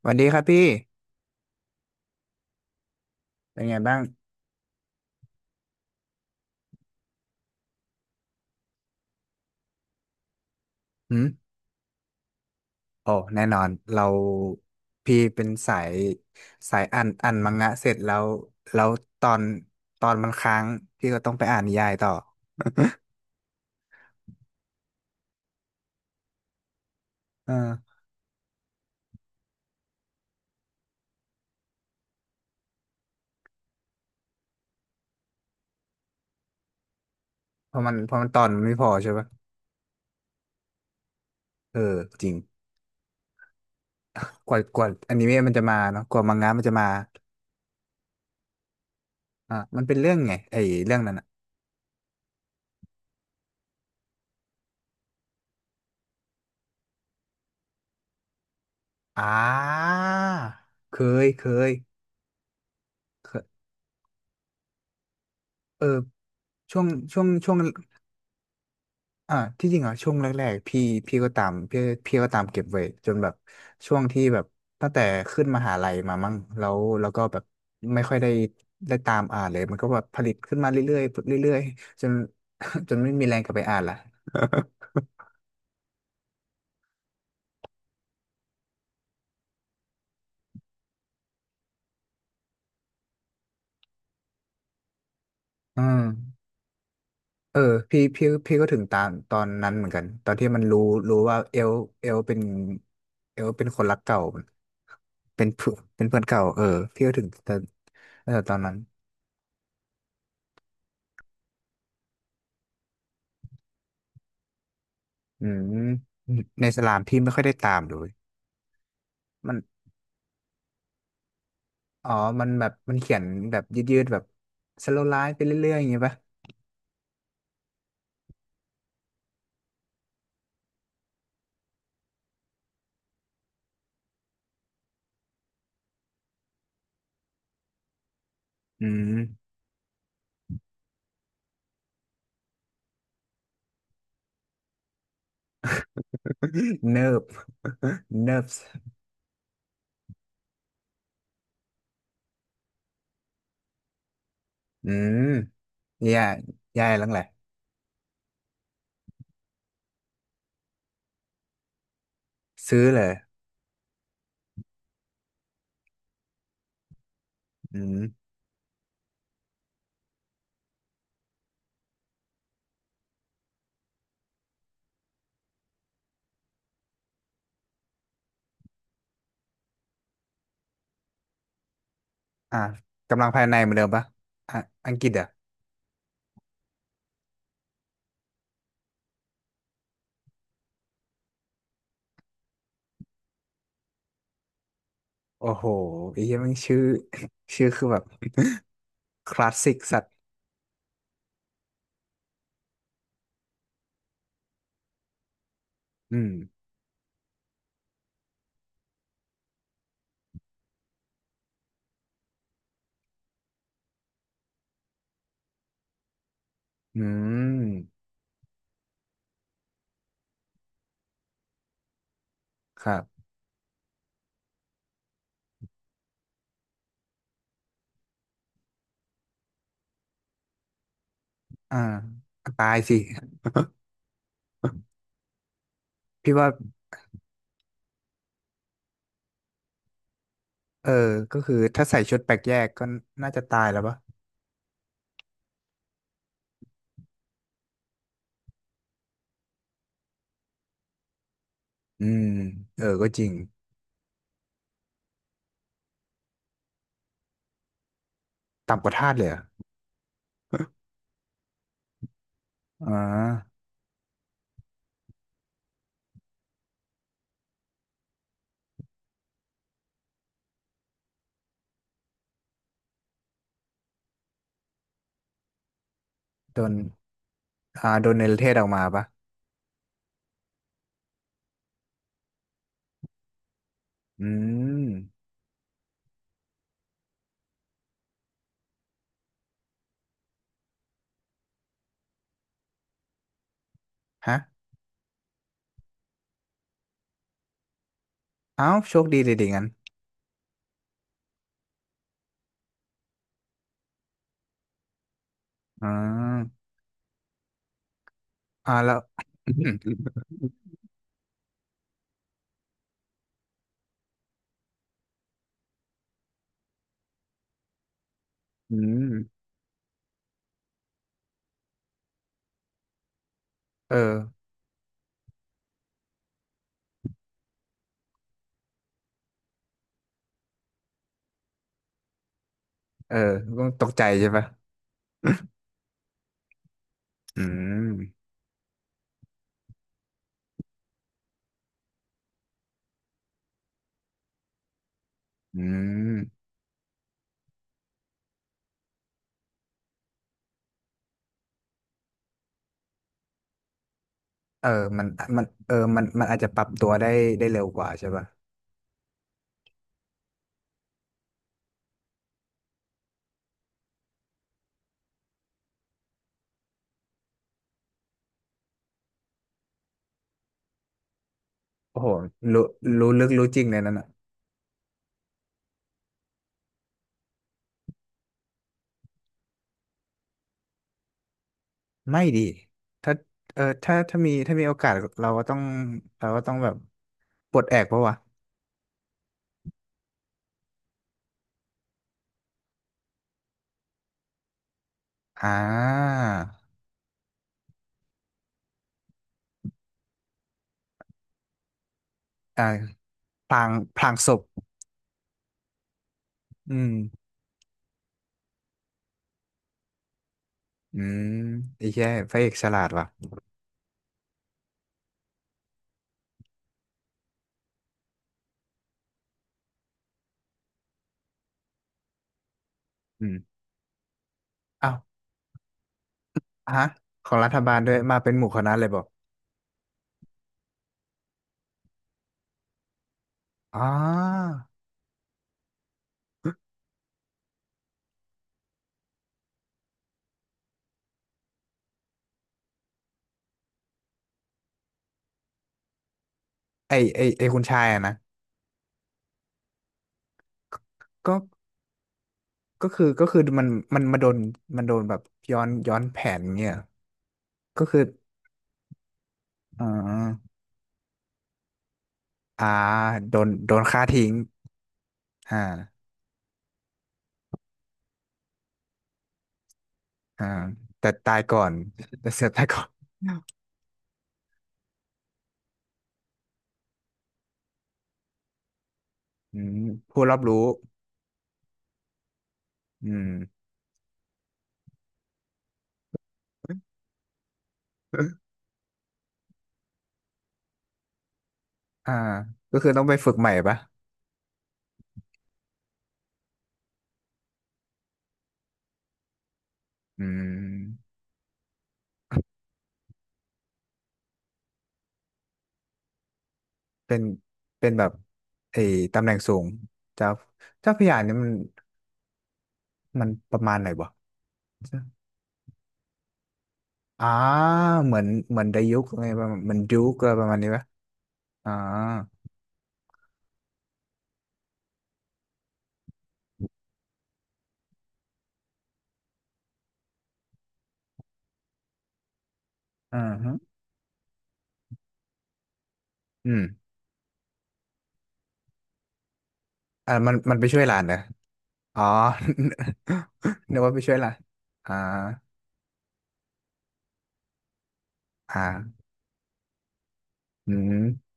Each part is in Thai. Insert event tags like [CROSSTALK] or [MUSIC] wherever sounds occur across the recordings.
สวัสดีครับพี่เป็นไงบ้างหืมโอ้แน่นอนเราพี่เป็นสายสายอ่านมังงะเสร็จแล้วแล้วตอนตอนมันค้างพี่ก็ต้องไปอ่านนิยายต่อเออเพราะมันตอนมันไม่พอใช่ปะเออจริงกว่าอนิเมะมันจะมาเนาะกว่ามังงะมันจะมาอ่ะมันเป็นเรื่องไงไอ้เรื่องนั้นอ่ะอ่าเคยเคยเคยเออช่วงช่วง อ่าที่จริงอ่ะช่วงแรกๆพี่ก็ตามพี่ก็ตามเก็บไว้จนแบบช่วงที่แบบตั้งแต่ขึ้นมหาลัยมามั้งแล้วแล้วก็แบบไม่ค่อยได้ตามอ่านเลยมันก็แบบผลิตขึ้นมาเรื่อยๆเรื่อยๆจน [LAUGHS] จนไม่มีแรงกลับไปอ่านละ [LAUGHS] อืมเออพี่ก็ถึงตามตอนนั้นเหมือนกันตอนที่มันรู้ว่าเอลเอลเป็นเอลเป็นคนรักเก่าเป็นเพื่อนเก่าเออพี่ก็ถึงตอนเออตอนนั้น อืมในสลามพี่ไม่ค่อยได้ตามเลยมันอ๋อมันแบบมันเขียนแบบยืดๆแบบสโลว์ไลฟ์ไปเรื่อยๆอย่างเงี้ยปะอืม [LAUGHS] เนิบเนิบอืมแย่แย่แล้วแหละซื้อเลยอืมอ่ะกำลังภายในเหมือนเดิมปะอ่ะอังกฤษเหรอ่ะโอ้โหไอ้เหี้ยแมันชื่อ [LAUGHS] ชื่อคือแบบ [LAUGHS] คลาสสิกสัตว์อืมอืมครับอ่าตายสิพี่ว่า เออก็คือถ้าใส่ชุดแปลกแยกก็น่าจะตายแล้วปะอืมเออก็จริงต่ำกว่าทาสเลยเหรออ๋อโดนอ่าโดนเนรเทศออกมาปะอืมฮะเอ้าโชคดีเลยดิงั้นอ๋ออ่าแล้ว [LAUGHS] อืมเออเออตตกใจใช่ปะอืมอืมเออมันมันอาจจะปรับตัวได้เร็วกว่าใช่ปะโอ้โหรู้รู้ลึกรู้จริงเลยนั่นน่ะ ไม่ดีถ้าเออถ้ามีโอกาส เราก็ต้อง เราก็ต้องแบบปลดแอกปะวะอ่าอ่าพลางพลางศพอืม อืมไอ้แย่พระเอกฉลาดว่ะอืมอ้าวฮะของรัฐบาลด้วย มาเป็นหมู่คณะเลยบอกอ๋อไอคุณชายอะนะก็ก็คือ มัน มันมาโดน มันโดนแบบ ย้อน ย้อนแผนเงี้ยก็คืออ่าอ่าโดนฆ่าทิ้งอ่า อ่าแต่ตายก่อนแต่เสือตายก่อนอืมผู้รับรู้อืมอ่าก็คือต้องไปฝึกใหม่ปะอืมเป็นเป็นแบบไอ้ตำแหน่งสูงเจ้าเจ้าพระยาเนี่ยมันมันประมาณไหนวะอ่าเหมือนเหมือนไดยุกอะไรประมาณเหมือนยุกอะไรประมาณนี้ปะอ่าอ่าฮะอืมอ่ามันมันไปช่วยหลานเหรออ๋อ [LAUGHS] นึกว่าไปช่วยหลานอ่าอ่าอืม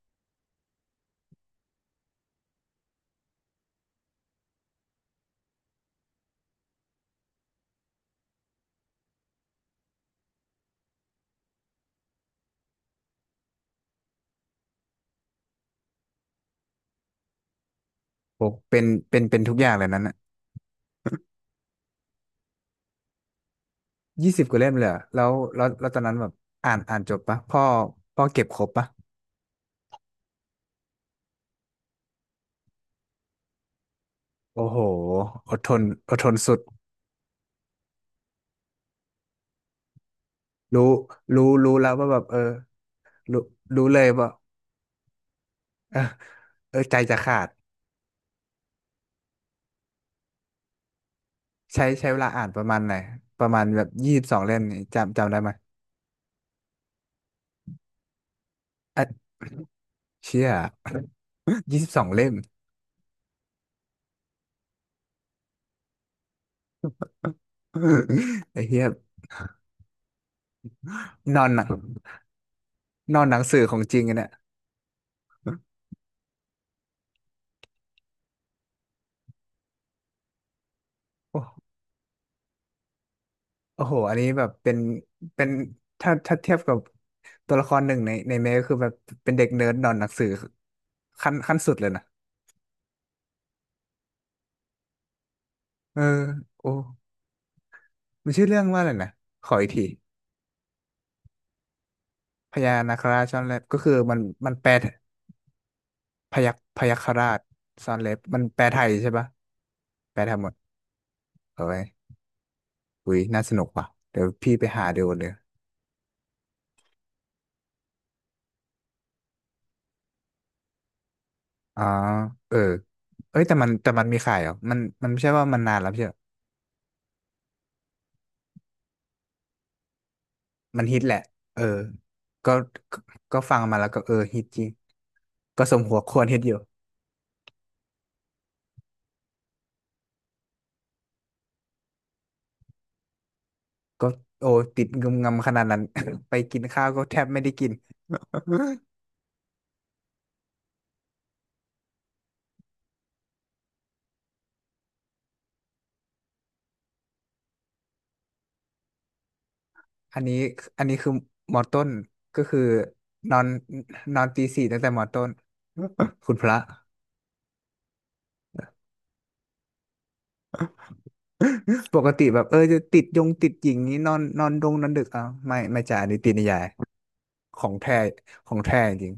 โอ้เป็นเป็นทุกอย่างเลยนั้นอ่ะยี่สิบกว่าเล่มเลยเหรอแล้วแล้วแล้วตอนนั้นแบบอ่านอ่านจบปะพ่อพ่อเก็บครบปะโอ้โห อดทนอดทนสุดรู้รู้แล้วว่าแบบเออรู้รู้เลยว่าเออใจจะขาดใช้ใช้เวลาอ่านประมาณไหนประมาณแบบยี่สิบสองเล่มนี่จำจำได้ไหมอ่ะเชี่ยยี่สิบสองเล่ม [LAUGHS] ไอ้เหี้ยนอนหนังนอนหนังสือของจริงอะเนี่ย โอ้โหอันนี้แบบเป็นเป็นถ้าถ้าเทียบกับตัวละครหนึ่งในในเมก็คือแบบเป็นเด็กเนิร์ดหนอนหนังสือขั้นสุดเลยนะเออโอ้มันชื่อเรื่องว่าอะไรนะขออีกทีพญานาคราชซ่อนเล็บก็คือมันมันแปลพยัคฆ์พยัคฆราชซ่อนเล็บมันแปลไทยใช่ปะแปลไทยหมดเอาไว้ยอุ้ยน่าสนุกว่ะเดี๋ยวพี่ไปหาดูเลยอ๋อเออเอ้ยแต่มันมีขายเหรอมันมันไม่ใช่ว่ามันนานแล้วไม่ใช่ มันฮิตแหละ เออก็ก็ก็ฟังมาแล้วก็เออฮิตจริง ก็สมหัวควรฮิตอยู่ ก็โอ้ติดงุมงำขนาดนั้น [LAUGHS] ไปกินข้าวก็แทบไม่ได้กิน อันนี้อันนี้คือมอต้นก็คือนอนนอนตีสี่ตั้งแต่มอต้น [LAUGHS] คุณพระ [LAUGHS] ปกติแบบเออจะติดยงติดหญิงนี้นอนนอนดงนอนดึกอ่ะไม่ไม่จ่าอันนี้ตีนิยายของแท้ของแท้จริง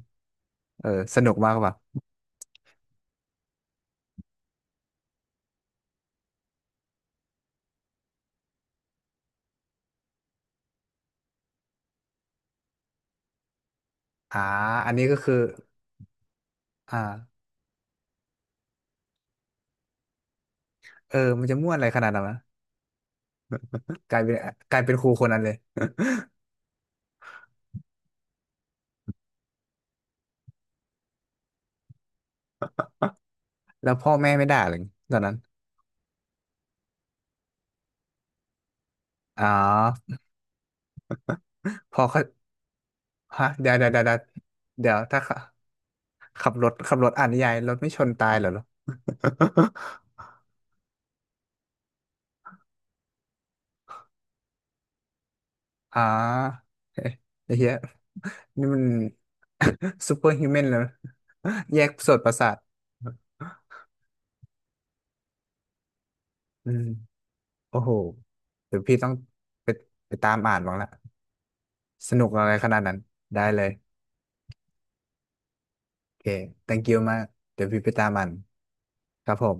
เออสนุกมากป่ะอ่าอันนี้ก็คืออ่า เออมันจะม่วนอะไรขนาดนั้นวะกลายเป็นกลายเป็นครูคนนั้นเลย แล้วพ่อแม่ไม่ด่าเลยตอนนั้น อ๋อพอเขา ฮะเดี๋ยวเดี๋ยวเดี๋ยวเดี๋ยวเดี๋ยวถ้าขับขับรถอ่านนิยายรถไม่ชนตายเหรอลูก [LAUGHS] อ๋อเฮ้ยไอ้เหี้ยนี่มัน [LAUGHS] ซูเปอร์ฮิวแมนแล้วแยกส่วนประสาทอืมโอ้โหเดี๋ยวพี่ต้องไปไปตามอ่านบ้างละสนุกอะไรขนาดนั้นได้เลยโอเค thank you มากเดี๋ยวพี่ไปตามอ่านครับผม